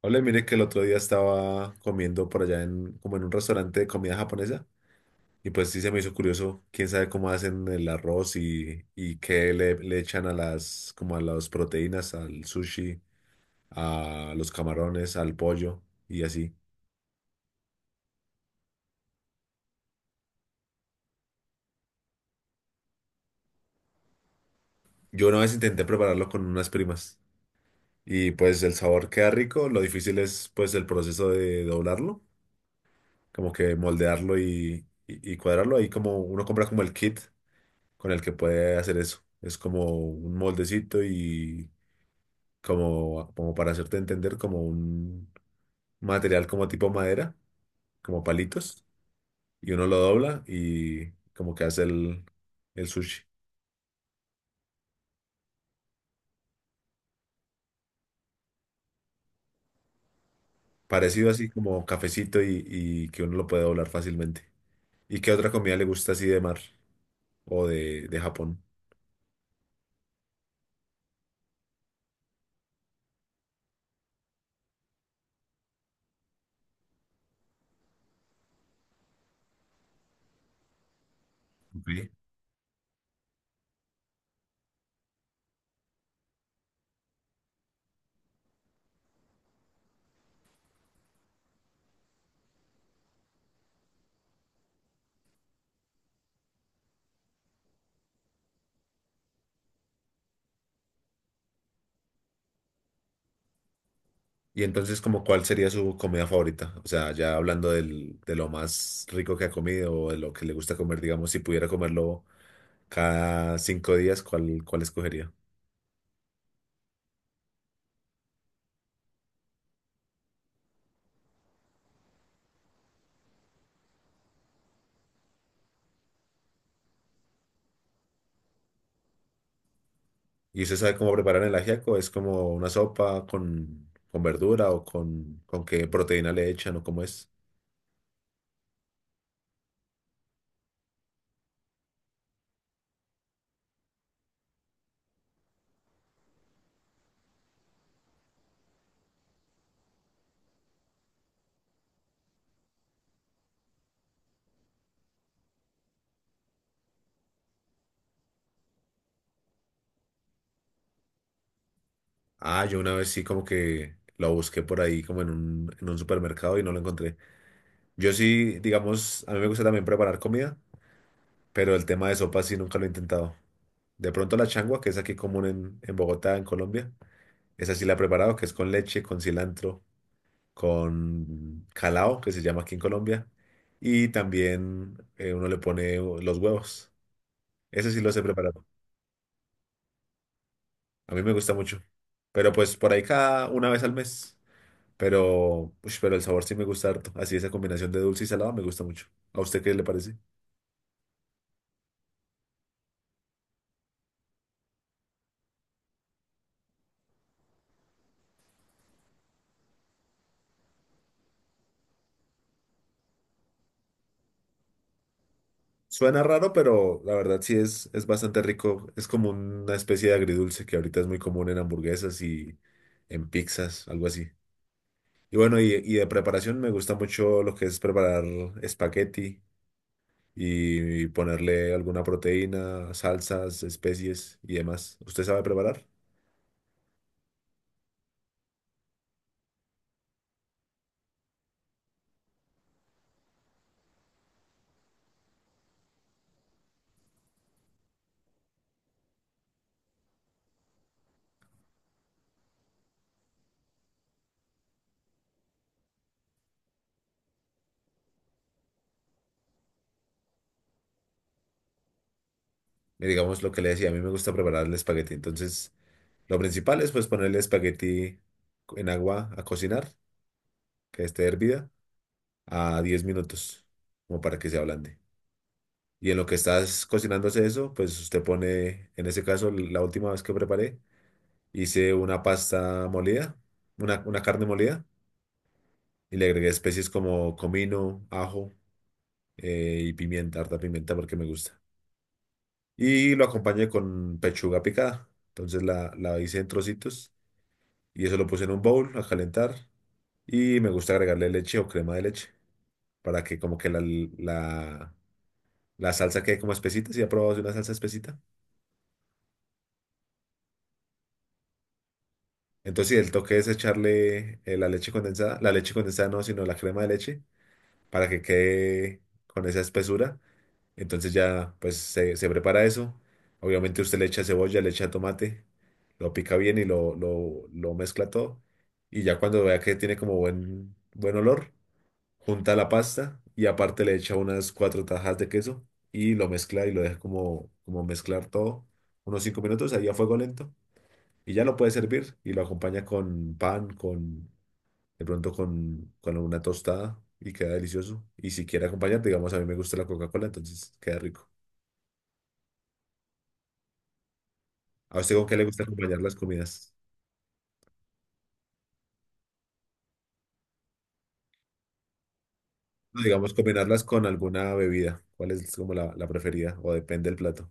Hola, mire que el otro día estaba comiendo por allá como en un restaurante de comida japonesa y pues sí se me hizo curioso, quién sabe cómo hacen el arroz y qué le echan a como a las proteínas, al sushi, a los camarones, al pollo y así. Yo una vez intenté prepararlo con unas primas y pues el sabor queda rico, lo difícil es pues el proceso de doblarlo, como que moldearlo y cuadrarlo. Ahí como uno compra como el kit con el que puede hacer eso. Es como un moldecito y como para hacerte entender, como un material como tipo madera, como palitos, y uno lo dobla y como que hace el sushi. Parecido así como cafecito y que uno lo puede doblar fácilmente. ¿Y qué otra comida le gusta así de mar o de Japón? Ok. Y entonces, ¿como cuál sería su comida favorita? O sea, ya hablando de lo más rico que ha comido o de lo que le gusta comer, digamos, si pudiera comerlo cada 5 días, ¿cuál, cuál escogería? ¿Y usted sabe cómo preparar el ajiaco? ¿Es como una sopa con verdura o con qué proteína le echan o cómo es? Ah, yo una vez sí como que lo busqué por ahí como en en un supermercado y no lo encontré. Yo sí, digamos, a mí me gusta también preparar comida, pero el tema de sopa sí nunca lo he intentado. De pronto la changua, que es aquí común en Bogotá, en Colombia, esa sí la he preparado, que es con leche, con cilantro, con calao, que se llama aquí en Colombia, y también uno le pone los huevos. Ese sí lo he preparado. A mí me gusta mucho. Pero pues por ahí cada una vez al mes. Pero, ush, pero el sabor sí me gusta harto. Así esa combinación de dulce y salado me gusta mucho. ¿A usted qué le parece? Suena raro, pero la verdad sí es bastante rico. Es como una especie de agridulce que ahorita es muy común en hamburguesas y en pizzas, algo así. Y bueno, y de preparación me gusta mucho lo que es preparar espagueti y ponerle alguna proteína, salsas, especies y demás. ¿Usted sabe preparar? Digamos lo que le decía, a mí me gusta preparar el espagueti. Entonces, lo principal es pues ponerle espagueti en agua a cocinar, que esté hervida, a 10 minutos, como para que se ablande. Y en lo que estás cocinándose eso, pues usted pone, en ese caso, la última vez que preparé, hice una pasta molida, una carne molida, y le agregué especies como comino, ajo, y pimienta, harta pimienta porque me gusta. Y lo acompañé con pechuga picada. Entonces la hice en trocitos y eso lo puse en un bowl a calentar. Y me gusta agregarle leche o crema de leche para que como que la, la salsa quede como espesita. Si ha probado una salsa espesita. Entonces sí, el toque es echarle la leche condensada no, sino la crema de leche para que quede con esa espesura. Entonces ya pues se prepara eso. Obviamente usted le echa cebolla, le echa tomate, lo pica bien y lo mezcla todo. Y ya cuando vea que tiene como buen olor, junta la pasta y aparte le echa unas 4 tajas de queso y lo mezcla y lo deja como, como mezclar todo unos 5 minutos ahí a fuego lento. Y ya lo puede servir y lo acompaña con pan, con de pronto con una tostada y queda delicioso. Y si quiere acompañar, digamos, a mí me gusta la Coca-Cola, entonces queda rico. ¿A usted con qué le gusta acompañar las comidas? No, digamos, combinarlas con alguna bebida. ¿Cuál es como la preferida? O depende del plato.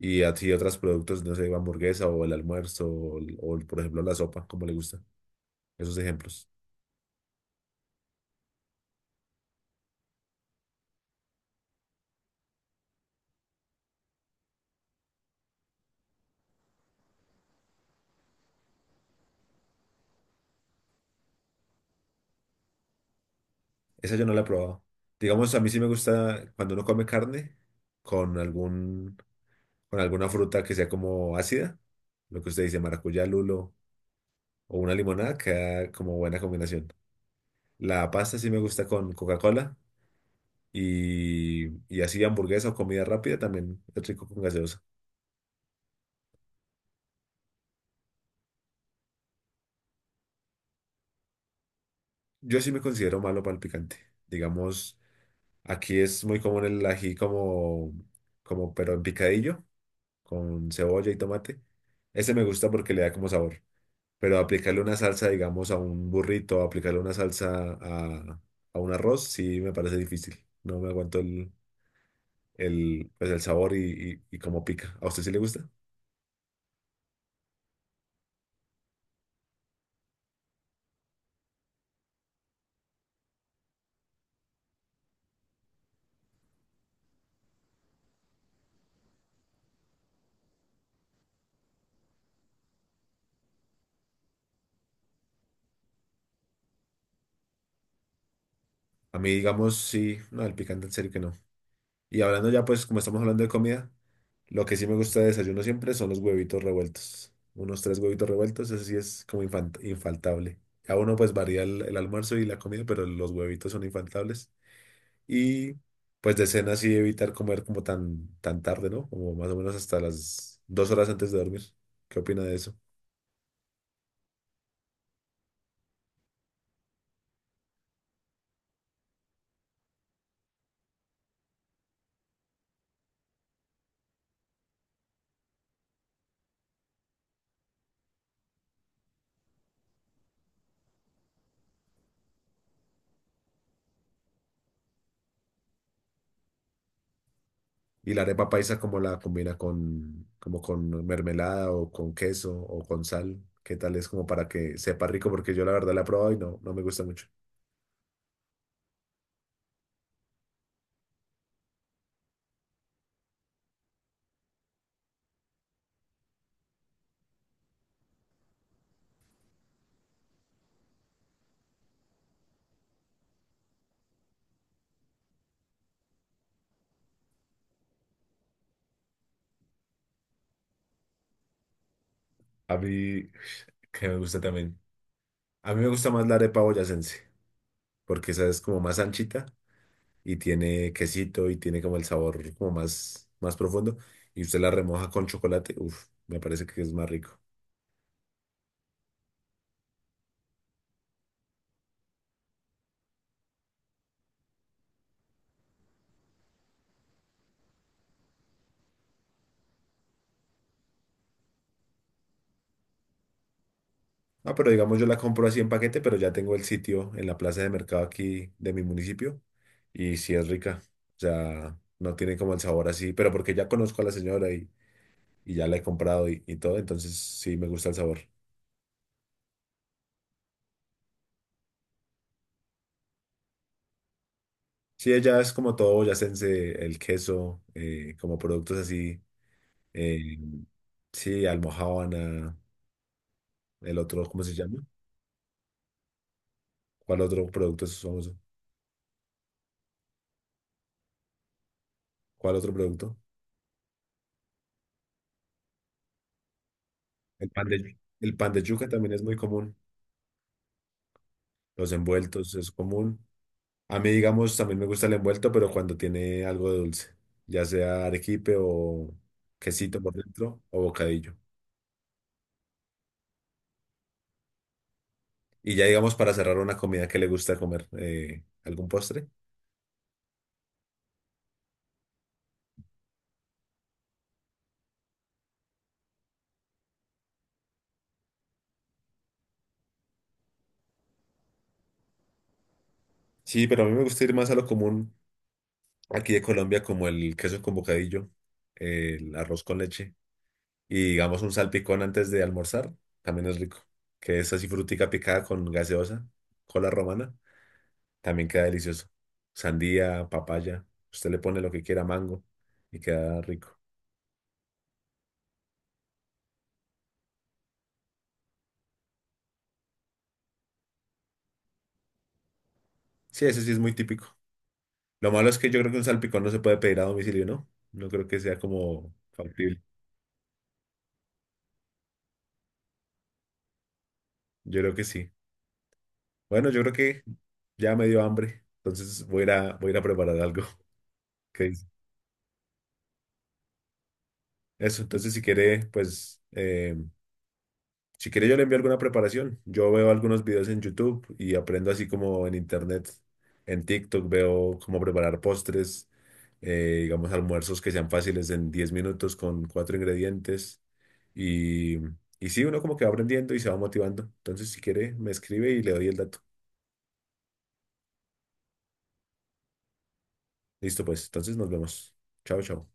Y así otros productos, no sé, hamburguesa o el almuerzo por ejemplo la sopa, como le gusta? Esos ejemplos. Esa yo no la he probado. Digamos, a mí sí me gusta cuando uno come carne con con alguna fruta que sea como ácida. Lo que usted dice, maracuyá, lulo o una limonada, queda como buena combinación. La pasta sí me gusta con Coca-Cola. Y así hamburguesa o comida rápida también es rico con gaseosa. Yo sí me considero malo para el picante. Digamos, aquí es muy común el ají como, como pero en picadillo, con cebolla y tomate. Ese me gusta porque le da como sabor. Pero aplicarle una salsa, digamos, a un burrito, aplicarle una salsa a un arroz, sí me parece difícil. No me aguanto pues el sabor y cómo pica. ¿A usted sí le gusta? A mí, digamos, sí, no, el picante en serio que no. Y hablando ya, pues, como estamos hablando de comida, lo que sí me gusta de desayuno siempre son los huevitos revueltos. Unos 3 huevitos revueltos, eso sí es como infaltable. A uno pues varía el almuerzo y la comida, pero los huevitos son infaltables. Y pues de cena sí evitar comer como tan tarde, ¿no? Como más o menos hasta las 2 horas antes de dormir. ¿Qué opina de eso? Y la arepa paisa, ¿cómo la combina con, como con mermelada o con queso o con sal? ¿Qué tal es como para que sepa rico? Porque yo la verdad la he probado y no, no me gusta mucho. A mí, que me gusta también. A mí me gusta más la arepa boyacense, porque esa es como más anchita y tiene quesito y tiene como el sabor como más profundo. Y usted la remoja con chocolate, uff, me parece que es más rico. Ah, pero digamos yo la compro así en paquete, pero ya tengo el sitio en la plaza de mercado aquí de mi municipio y sí es rica. O sea, no tiene como el sabor así, pero porque ya conozco a la señora y ya la he comprado y todo, entonces sí me gusta el sabor. Sí, ella es como todo boyacense, el queso, como productos así. Eh, sí, almojábana, el otro, ¿cómo se llama? ¿Cuál otro producto es famoso? ¿Cuál otro producto? El pan de yuca también es muy común. Los envueltos es común. A mí, digamos, también me gusta el envuelto, pero cuando tiene algo de dulce, ya sea arequipe o quesito por dentro o bocadillo. Y ya, digamos, para cerrar una comida que le gusta comer, ¿algún postre? Sí, pero a mí me gusta ir más a lo común aquí de Colombia como el queso con bocadillo, el arroz con leche y digamos un salpicón antes de almorzar, también es rico, que es así frutica picada con gaseosa, cola romana, también queda delicioso. Sandía, papaya, usted le pone lo que quiera, mango y queda rico. Sí, ese sí es muy típico. Lo malo es que yo creo que un salpicón no se puede pedir a domicilio, ¿no? No creo que sea como factible. Yo creo que sí. Bueno, yo creo que ya me dio hambre, entonces voy a ir voy a ir a preparar algo. ¿Qué... Eso, entonces si quiere, pues, si quiere yo le envío alguna preparación. Yo veo algunos videos en YouTube y aprendo así como en internet, en TikTok veo cómo preparar postres, digamos almuerzos que sean fáciles en 10 minutos con 4 ingredientes. Y, y sí, uno como que va aprendiendo y se va motivando. Entonces si quiere, me escribe y le doy el dato. Listo, pues, entonces nos vemos. Chao, chao.